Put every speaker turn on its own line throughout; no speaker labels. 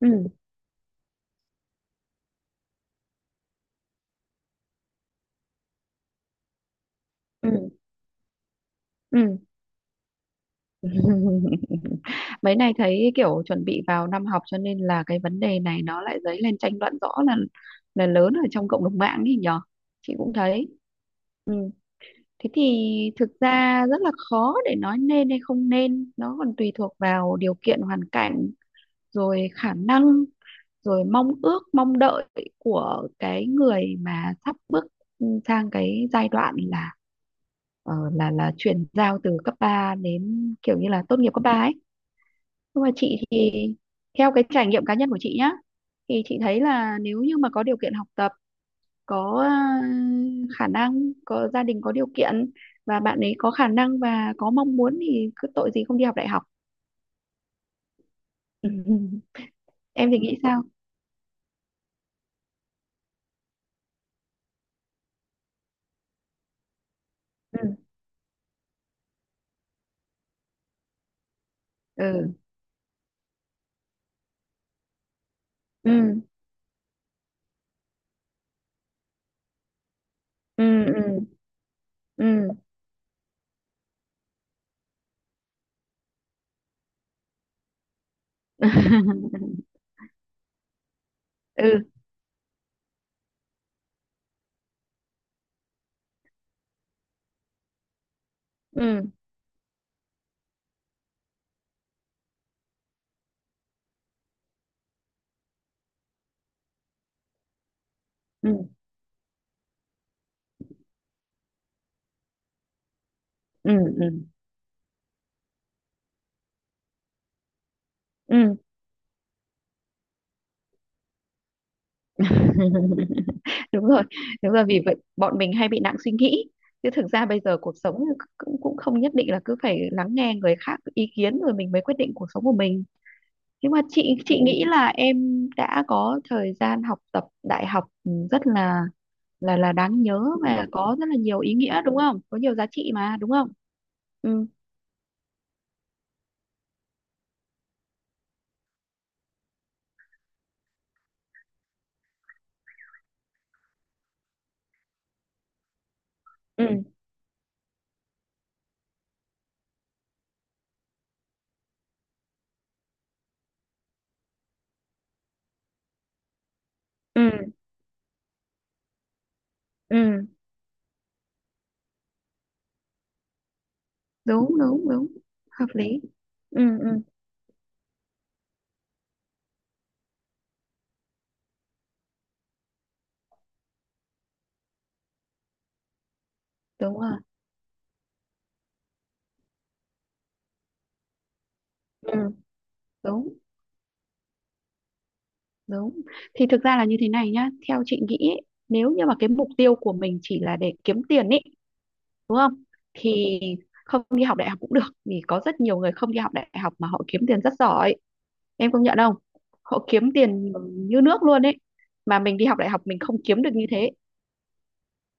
Ừ, ừ, ừ. Mấy này thấy kiểu chuẩn bị vào năm học, cho nên là cái vấn đề này nó lại dấy lên tranh luận rõ là lớn ở trong cộng đồng mạng ấy nhở. Chị cũng thấy, ừ. Thế thì thực ra rất là khó để nói nên hay không nên, nó còn tùy thuộc vào điều kiện hoàn cảnh, rồi khả năng, rồi mong ước mong đợi của cái người mà sắp bước sang cái giai đoạn là ờ, là chuyển giao từ cấp 3 đến kiểu như là tốt nghiệp cấp 3 ấy. Nhưng mà chị thì theo cái trải nghiệm cá nhân của chị nhá, thì chị thấy là nếu như mà có điều kiện học tập, có ờ, khả năng, có gia đình có điều kiện, và bạn ấy có khả năng và có mong muốn, thì cứ tội gì không đi học đại học. Ừ, ừ. Em thì nghĩ sao? Ừ, ừ, ừ, ừ, ừ, ừ. Ừ, ừ, ừ, ừ, ừ, ừ. Đúng rồi, đúng rồi, vì vậy bọn mình hay bị nặng suy nghĩ, chứ thực ra bây giờ cuộc sống cũng cũng không nhất định là cứ phải lắng nghe người khác ý kiến rồi mình mới quyết định cuộc sống của mình. Nhưng mà chị nghĩ là em đã có thời gian học tập đại học ừ, rất là đáng nhớ và có rất là nhiều ý nghĩa, đúng không, có nhiều giá trị mà đúng không. Ừ, ừ, ừ, ừ. Đúng, đúng, đúng, hợp lý. Ừ, ừ. Đúng rồi. Ừ. Đúng. Đúng. Thì thực ra là như thế này nhá, theo chị nghĩ ấy, nếu như mà cái mục tiêu của mình chỉ là để kiếm tiền ấy, đúng không? Thì không đi học đại học cũng được, vì có rất nhiều người không đi học đại học mà họ kiếm tiền rất giỏi, em công nhận không? Họ kiếm tiền như nước luôn ấy. Mà mình đi học đại học mình không kiếm được như thế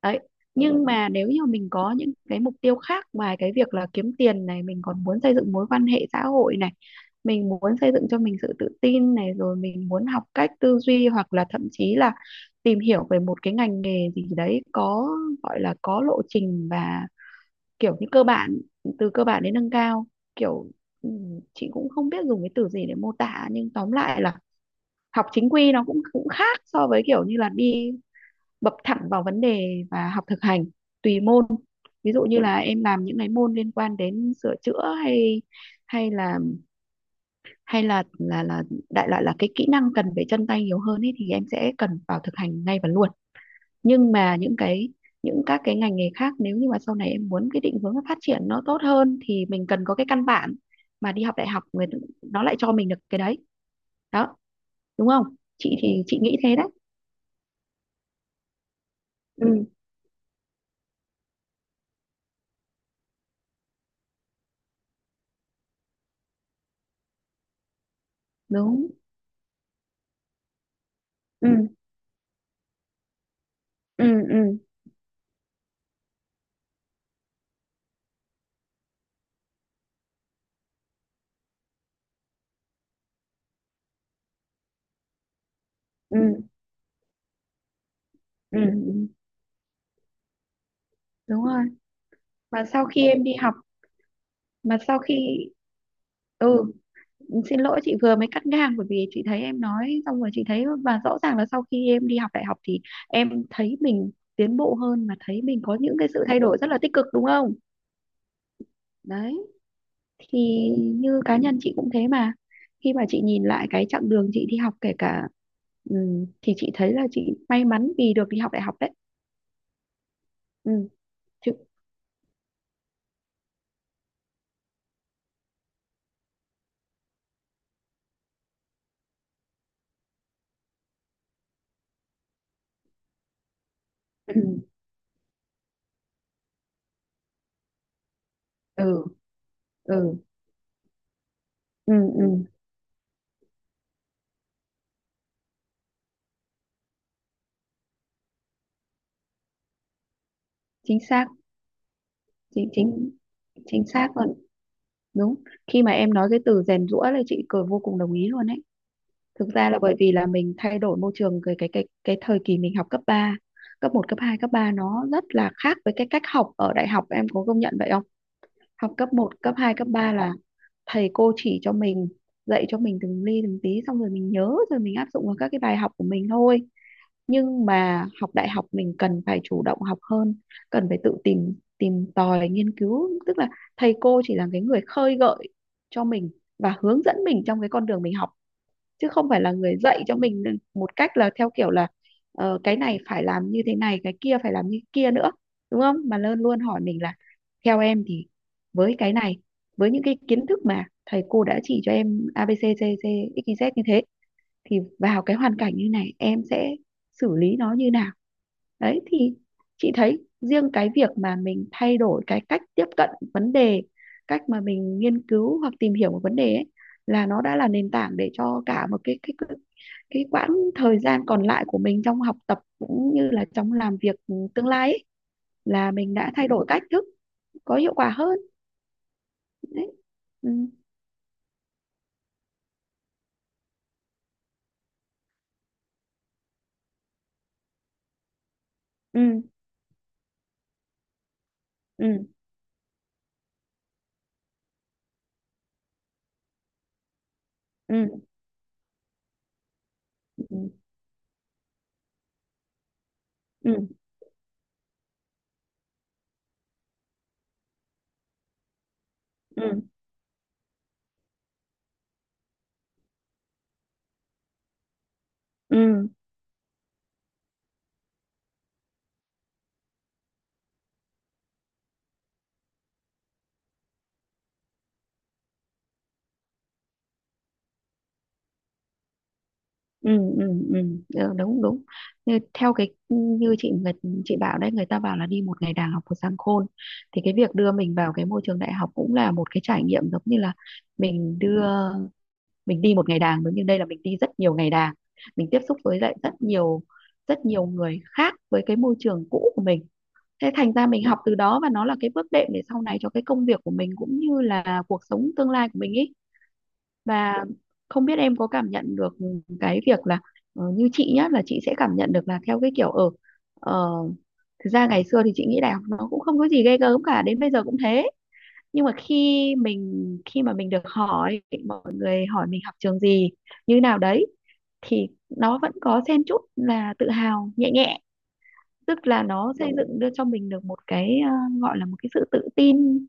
đấy. Nhưng mà nếu như mình có những cái mục tiêu khác ngoài cái việc là kiếm tiền này, mình còn muốn xây dựng mối quan hệ xã hội này, mình muốn xây dựng cho mình sự tự tin này, rồi mình muốn học cách tư duy, hoặc là thậm chí là tìm hiểu về một cái ngành nghề gì đấy có, gọi là có lộ trình và kiểu như cơ bản, từ cơ bản đến nâng cao, kiểu ừ, chị cũng không biết dùng cái từ gì để mô tả, nhưng tóm lại là học chính quy nó cũng cũng khác so với kiểu như là đi bập thẳng vào vấn đề và học thực hành tùy môn. Ví dụ như là em làm những cái môn liên quan đến sửa chữa, hay hay là hay là đại loại là cái kỹ năng cần về chân tay nhiều hơn ấy, thì em sẽ cần vào thực hành ngay và luôn. Nhưng mà những các cái ngành nghề khác, nếu như mà sau này em muốn cái định hướng phát triển nó tốt hơn thì mình cần có cái căn bản, mà đi học đại học người nó lại cho mình được cái đấy đó, đúng không. Chị thì chị nghĩ thế đấy. Ừ, đúng. Ừ, ừ, ừ, ừ, ừ. Ừ, đúng rồi, mà sau khi em đi học, mà sau khi ừ, xin lỗi chị vừa mới cắt ngang, bởi vì chị thấy em nói xong rồi. Chị thấy và rõ ràng là sau khi em đi học đại học thì em thấy mình tiến bộ hơn, mà thấy mình có những cái sự thay đổi rất là tích cực, đúng không. Đấy, thì như cá nhân chị cũng thế mà, khi mà chị nhìn lại cái chặng đường chị đi học kể cả ừ, thì chị thấy là chị may mắn vì được đi học đại học đấy. Ừ. Chứ. Ừ, ừ, ừ, ừ, ừ. Chính xác. Chính chính chính xác luôn. Đúng. Khi mà em nói cái từ rèn giũa là chị cười, vô cùng đồng ý luôn ấy. Thực ra là bởi vì là mình thay đổi môi trường, cái thời kỳ mình học cấp ba, cấp một cấp 2 cấp 3 nó rất là khác với cái cách học ở đại học, em có công nhận vậy không. Học cấp một cấp 2 cấp 3 là thầy cô chỉ cho mình, dạy cho mình từng ly từng tí, xong rồi mình nhớ rồi mình áp dụng vào các cái bài học của mình thôi. Nhưng mà học đại học mình cần phải chủ động học hơn, cần phải tự tìm tìm tòi nghiên cứu, tức là thầy cô chỉ là cái người khơi gợi cho mình và hướng dẫn mình trong cái con đường mình học, chứ không phải là người dạy cho mình một cách là theo kiểu là ờ, cái này phải làm như thế này, cái kia phải làm như kia nữa, đúng không. Mà luôn luôn hỏi mình là theo em thì với cái này, với những cái kiến thức mà thầy cô đã chỉ cho em A B C D C X Y Z như thế, thì vào cái hoàn cảnh như này em sẽ xử lý nó như nào. Đấy, thì chị thấy riêng cái việc mà mình thay đổi cái cách tiếp cận vấn đề, cách mà mình nghiên cứu hoặc tìm hiểu một vấn đề ấy, là nó đã là nền tảng để cho cả một cái quãng thời gian còn lại của mình trong học tập cũng như là trong làm việc tương lai ấy, là mình đã thay đổi cách thức có hiệu quả hơn đấy. Ừ, ừ, ừ, ừ, ừ, ừ, ừ, ừ. Ừ. Ừ, ừ, ừ. Ờ, đúng, đúng. Như theo cái ừ, như chị, người chị bảo đấy, người ta bảo là đi một ngày đàng học một sàng khôn, thì cái việc đưa mình vào cái môi trường đại học cũng là một cái trải nghiệm giống như là mình đưa mình đi một ngày đàng, giống như đây là mình đi rất nhiều ngày đàng, mình tiếp xúc với lại rất nhiều, rất nhiều người khác với cái môi trường cũ của mình. Thế thành ra mình học từ đó, và nó là cái bước đệm để sau này cho cái công việc của mình cũng như là cuộc sống tương lai của mình ý. Và không biết em có cảm nhận được cái việc là ờ, như chị nhá, là chị sẽ cảm nhận được là theo cái kiểu ở uh, thực ra ngày xưa thì chị nghĩ đại học nó cũng không có gì ghê gớm cả, đến bây giờ cũng thế. Nhưng mà khi mình, khi mà mình được hỏi, mọi người hỏi mình học trường gì như nào đấy, thì nó vẫn có xen chút là tự hào nhẹ nhẹ, tức là nó xây dựng đưa cho mình được một cái ờ, gọi là một cái sự tự tin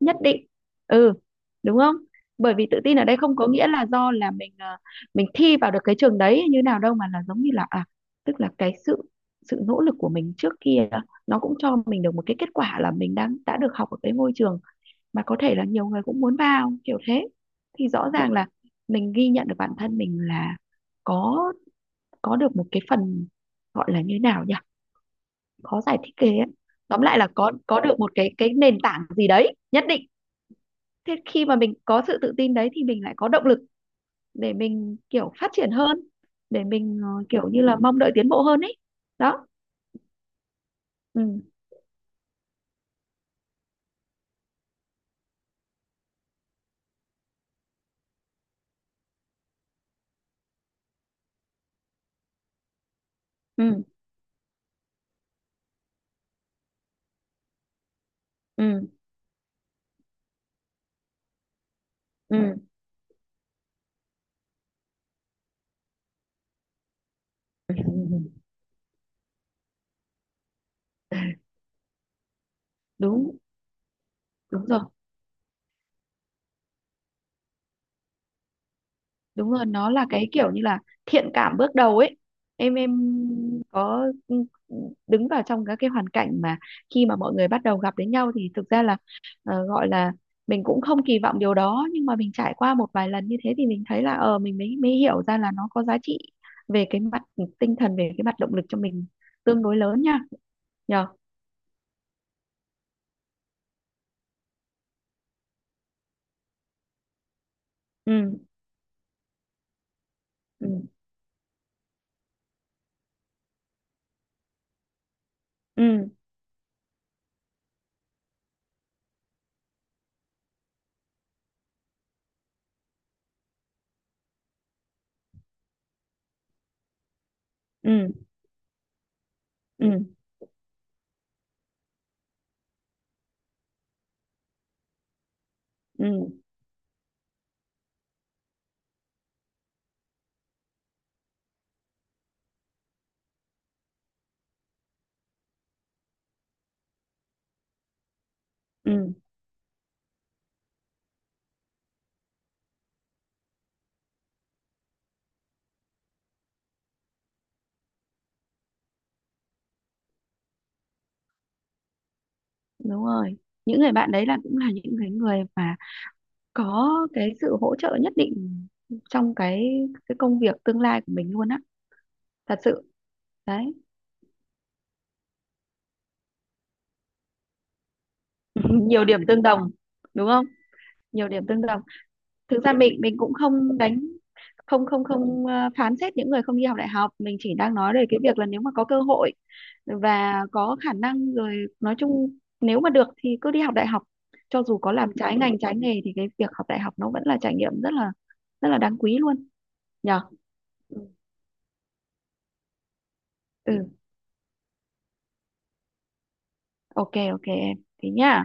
nhất định. Ừ, đúng không, bởi vì tự tin ở đây không có nghĩa là do là mình ờ, mình thi vào được cái trường đấy như nào đâu, mà là giống như là à, tức là cái sự, sự nỗ lực của mình trước kia nó cũng cho mình được một cái kết quả là mình đang đã được học ở cái ngôi trường mà có thể là nhiều người cũng muốn vào kiểu thế. Thì rõ ràng là mình ghi nhận được bản thân mình là có có được một cái phần, gọi là như nào nhỉ, khó giải thích ghê ấy. Tóm lại là có được một cái nền tảng gì đấy nhất định. Thế khi mà mình có sự tự tin đấy thì mình lại có động lực để mình kiểu phát triển hơn, để mình ờ, kiểu như là mong đợi tiến bộ hơn ấy đó. Ừ, ừ, ừ, ừ, ừ. Đúng, đúng rồi, đúng rồi, nó là cái kiểu như là thiện cảm bước đầu ấy. Em có ừ, ừ, đứng vào trong các cái hoàn cảnh mà khi mà mọi người bắt đầu gặp đến nhau, thì thực ra là ờ, gọi là mình cũng không kỳ vọng điều đó, nhưng mà mình trải qua một vài lần như thế thì mình thấy là ờ, mình mới mới hiểu ra là nó có giá trị về cái mặt tinh thần, về cái mặt động lực cho mình tương đối lớn nha. Nhờ. Ừ, ừ, ừ, ừ, ừ, ừ, ừ. Đúng rồi, những người bạn đấy là cũng là những cái người mà có cái sự hỗ trợ nhất định trong cái công việc tương lai của mình luôn á, thật sự đấy. Nhiều điểm tương đồng, đúng không. Nhiều điểm tương đồng, thực ra mình cũng không đánh, không, không, không, ờ, phán xét những người không đi học đại học. Mình chỉ đang nói về cái việc là nếu mà có cơ hội và có khả năng, rồi nói chung nếu mà được thì cứ đi học đại học, cho dù có làm trái ngành trái nghề thì cái việc học đại học nó vẫn là trải nghiệm rất là, rất là đáng quý luôn nhở. Ừ. OK, ok em, thế nhá.